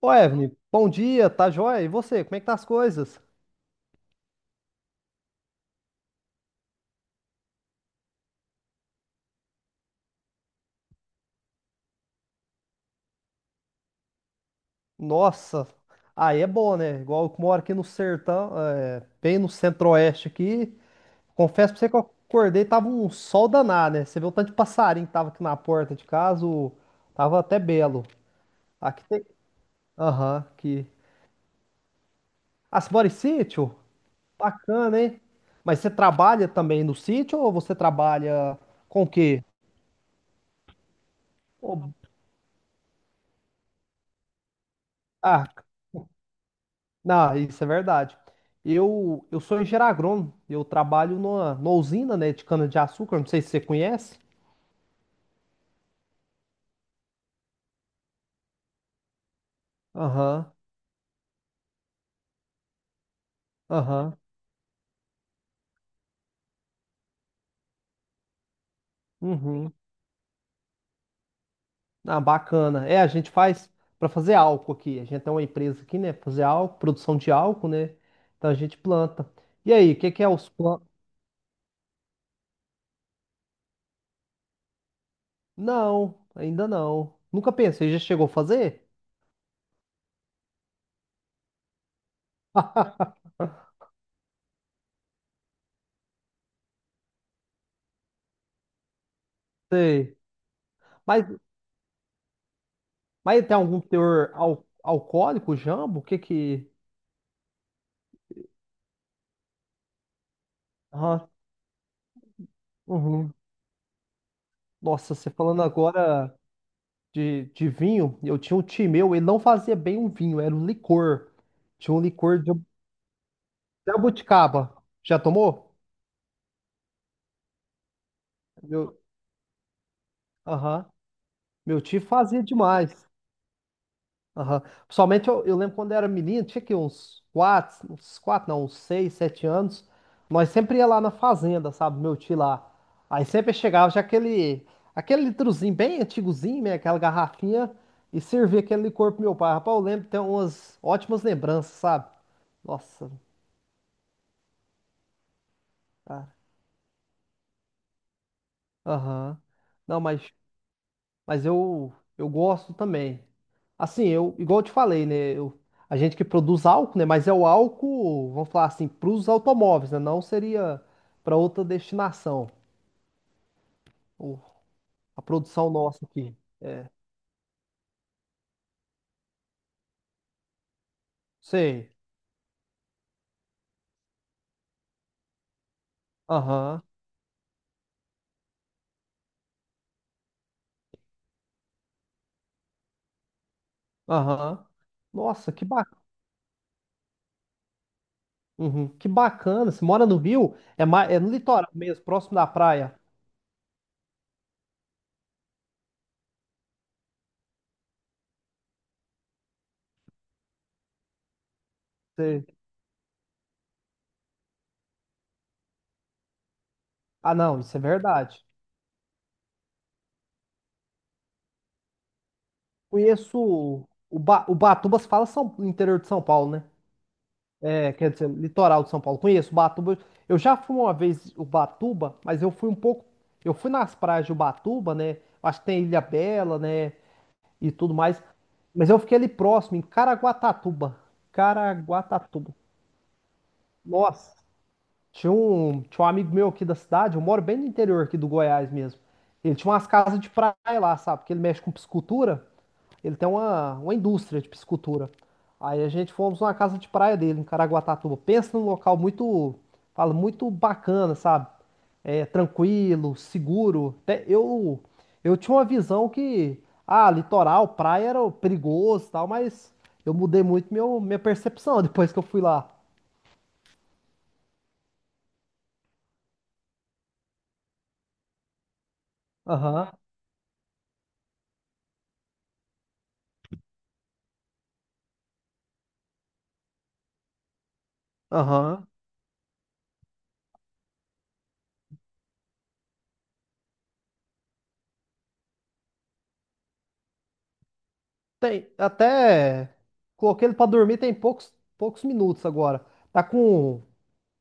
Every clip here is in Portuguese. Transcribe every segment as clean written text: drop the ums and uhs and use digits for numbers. Ô, Evelyn, bom dia, tá joia? E você, como é que tá as coisas? Nossa, aí é bom, né? Igual eu que moro aqui no sertão, é, bem no centro-oeste aqui. Confesso pra você que eu acordei, tava um sol danado, né? Você viu o tanto de passarinho que tava aqui na porta de casa, tava até belo. Aqui tem... Aham, aqui. Ah, você mora em sítio? Bacana, hein? Mas você trabalha também no sítio ou você trabalha com o quê? Ô. Ah. Não, isso é verdade. Eu sou engenheiro agrônomo, eu trabalho numa, usina, né, de cana-de-açúcar, não sei se você conhece. Aham, aham, uhum. Ah, bacana. É, a gente faz para fazer álcool aqui. A gente tem uma empresa aqui, né, pra fazer álcool, produção de álcool, né? Então a gente planta. E aí, o que que é os planos? Não, ainda não. Nunca pensei, já chegou a fazer? Sei. Mas, mas tem algum teor alcoólico, jambo? O que que... Aham, uhum. Nossa, você falando agora de, vinho, eu tinha um tio meu, ele não fazia bem um vinho, era um licor. Tinha um licor de jabuticaba. Já tomou? Meu, aham. Meu tio fazia demais. Aham. Principalmente eu lembro quando eu era menino, tinha aqui uns quatro, não, uns seis, 7 anos. Nós sempre ia lá na fazenda, sabe? Meu tio lá. Aí sempre chegava já aquele litrozinho bem antigozinho, né? Aquela garrafinha, e servia aquele licor pro meu pai. Rapaz, eu lembro, tem umas ótimas lembranças, sabe? Nossa, cara. Aham. Não, mas eu gosto também. Assim, eu, igual eu te falei, né? A gente que produz álcool, né? Mas é o álcool, vamos falar assim, para os automóveis, né? Não seria para outra destinação, o- a produção nossa aqui. Sei. Aham, aham. Nossa, que bacana. Que bacana. Você mora no Rio? É, é no litoral mesmo, próximo da praia. Sei. Ah, não, isso é verdade. Conheço o Batuba, se fala São... interior de São Paulo, né? É, quer dizer, litoral de São Paulo. Conheço Ubatuba. Eu já fui uma vez Ubatuba, mas eu fui um pouco. Eu fui nas praias de Ubatuba, né? Acho que tem Ilha Bela, né? E tudo mais. Mas eu fiquei ali próximo, em Caraguatatuba. Caraguatatuba. Nossa, tinha um amigo meu aqui da cidade. Eu moro bem no interior aqui do Goiás mesmo. Ele tinha umas casas de praia lá, sabe? Porque ele mexe com piscicultura. Ele tem uma, indústria de piscicultura. Aí a gente fomos numa casa de praia dele, em Caraguatatuba. Pensa num local muito, fala, muito bacana, sabe? É, tranquilo, seguro. Até eu tinha uma visão que, ah, litoral, praia era perigoso e tal, mas eu mudei muito meu, minha percepção depois que eu fui lá. Aham, aham. Tem, até coloquei ele pra dormir tem poucos, poucos minutos agora. Tá com,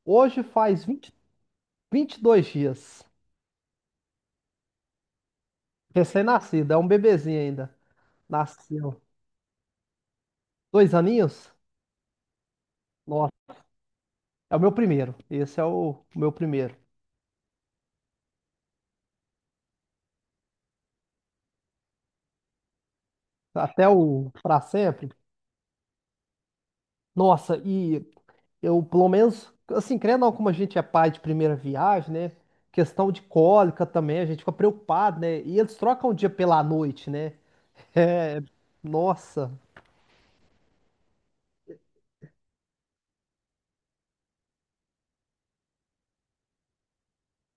Hoje faz vinte e dois dias. Recém-nascido, é um bebezinho ainda. Nasceu 2 aninhos? Nossa, é o meu primeiro. Esse é o meu primeiro. Até o pra sempre. Nossa, e eu, pelo menos, assim, querendo ou não, como a gente é pai de primeira viagem, né? Questão de cólica também, a gente fica preocupado, né? E eles trocam o dia pela noite, né? É, nossa.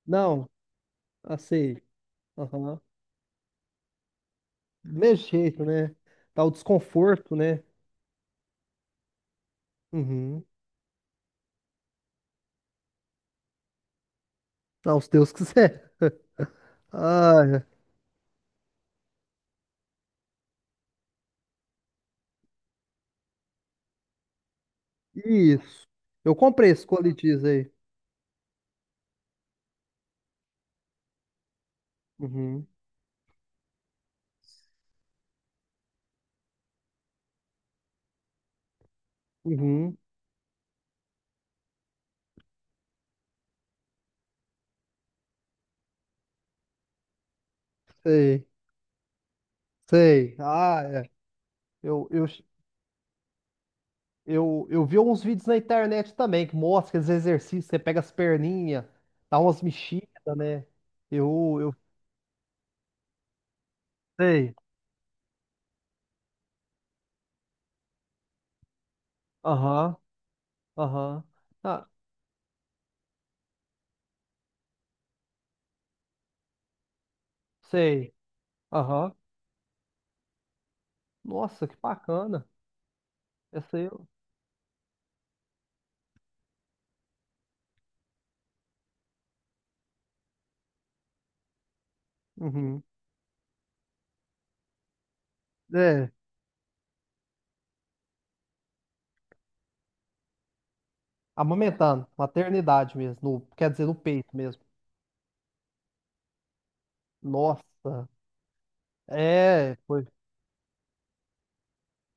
Não, assim, aham. Do mesmo jeito, né? Dá o desconforto, né? Uhum. Não, se Deus quiser. ah Isso. Eu comprei esse coletiz aí. Uhum. Uhum. Sei. Sei. Ah, é. Eu, eu, eu vi uns vídeos na internet também que mostra esses exercícios. Você pega as perninhas, dá umas mexidas, né? Eu sei. Aham. Aham. Ah, sei. Aham. Nossa, que bacana. Essa aí. Uhum. É. Amamentando. Maternidade mesmo. Quer dizer, no peito mesmo. Nossa. É, foi.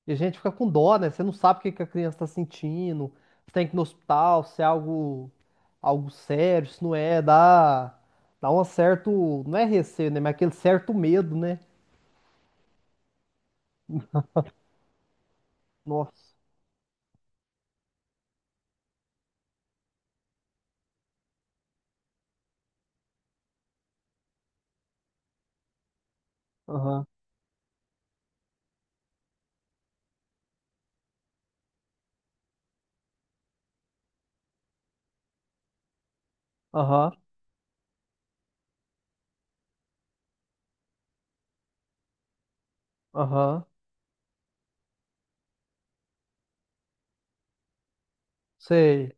E a gente fica com dó, né? Você não sabe o que que a criança tá sentindo, se tem que ir no hospital, se é algo, sério, se não é, dá um certo, não é receio, né? Mas é aquele certo medo, né? Nossa. Aham, aham, aham, sei.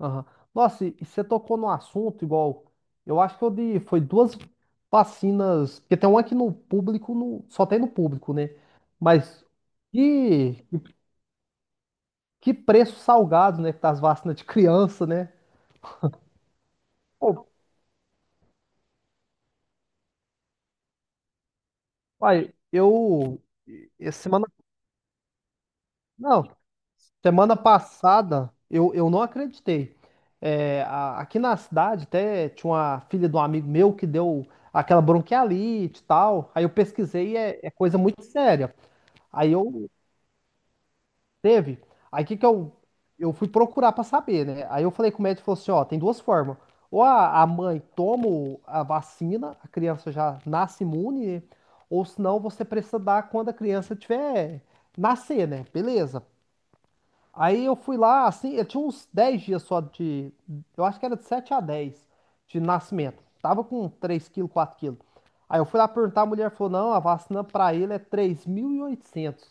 Aham. Nossa, e você tocou no assunto igual, eu acho que eu dei, foi duas vacinas, porque tem uma aqui no público, no, só tem no público, né? Mas que, que, preço salgado, né? Que tá as vacinas de criança, né? Pô. Uai, eu. Semana. Não, semana passada eu não acreditei. É, aqui na cidade até tinha uma filha de um amigo meu que deu aquela bronquialite e tal. Aí eu pesquisei, é, coisa muito séria. Aí eu Teve? Aí o que que eu fui procurar pra saber, né? Aí eu falei com o médico, ele falou assim, ó, tem duas formas. Ou a mãe toma a vacina, a criança já nasce imune, né? Ou senão você precisa dar quando a criança tiver nascer, né? Beleza. Aí eu fui lá, assim, eu tinha uns 10 dias só de. Eu acho que era de 7 a 10 de nascimento. Tava com 3 quilos, 4 quilos. Aí eu fui lá perguntar, a mulher falou: não, a vacina pra ele é 3.800.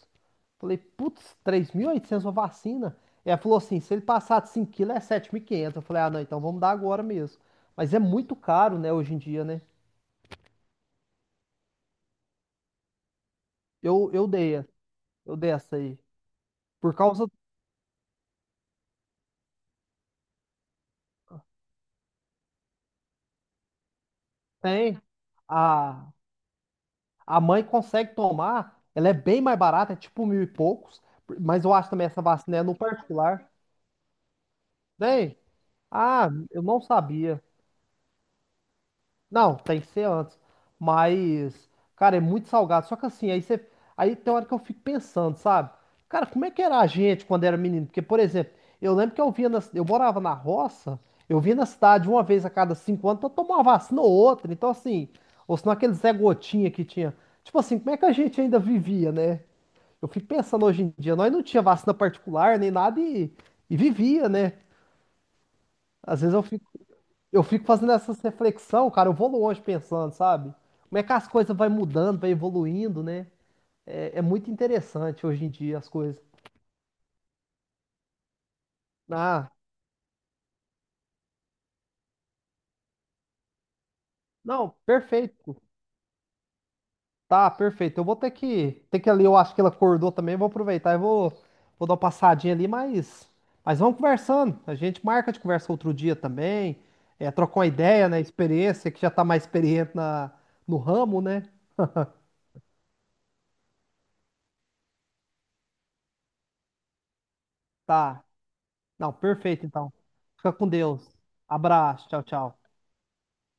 Falei: putz, 3.800 uma vacina? E ela falou assim: se ele passar de 5 quilos é 7.500. Eu falei: ah, não, então vamos dar agora mesmo. Mas é muito caro, né, hoje em dia, né? Eu, eu dei, eu dei essa aí. Por causa. Tem. A, A mãe consegue tomar, ela é bem mais barata, é tipo mil e poucos, mas eu acho também essa vacina é no particular. Bem, eu não sabia. Não, tem que ser antes. Mas, cara, é muito salgado. Só que assim, aí você. Aí tem hora que eu fico pensando, sabe? Cara, como é que era a gente quando era menino? Porque, por exemplo, eu lembro que eu via na... eu morava na roça, eu via na cidade uma vez a cada 5 anos pra tomar uma vacina ou outra. Então, assim, ou senão aquele Zé Gotinha que tinha. Tipo assim, como é que a gente ainda vivia, né? Eu fico pensando hoje em dia, nós não tinha vacina particular nem nada e vivia, né? Às vezes eu fico. Eu fico fazendo essa reflexão, cara, eu vou longe pensando, sabe? Como é que as coisas vai mudando, vai evoluindo, né? É, é muito interessante hoje em dia as coisas. Ah, não, perfeito. Tá, perfeito. Eu vou ter que ali, eu acho que ela acordou também, vou aproveitar e vou dar uma passadinha ali, mas vamos conversando. A gente marca de conversa outro dia também, é, trocar uma ideia, né? Experiência, que já tá mais experiente na, no ramo, né? Tá. Não, perfeito então. Fica com Deus. Abraço, tchau, tchau.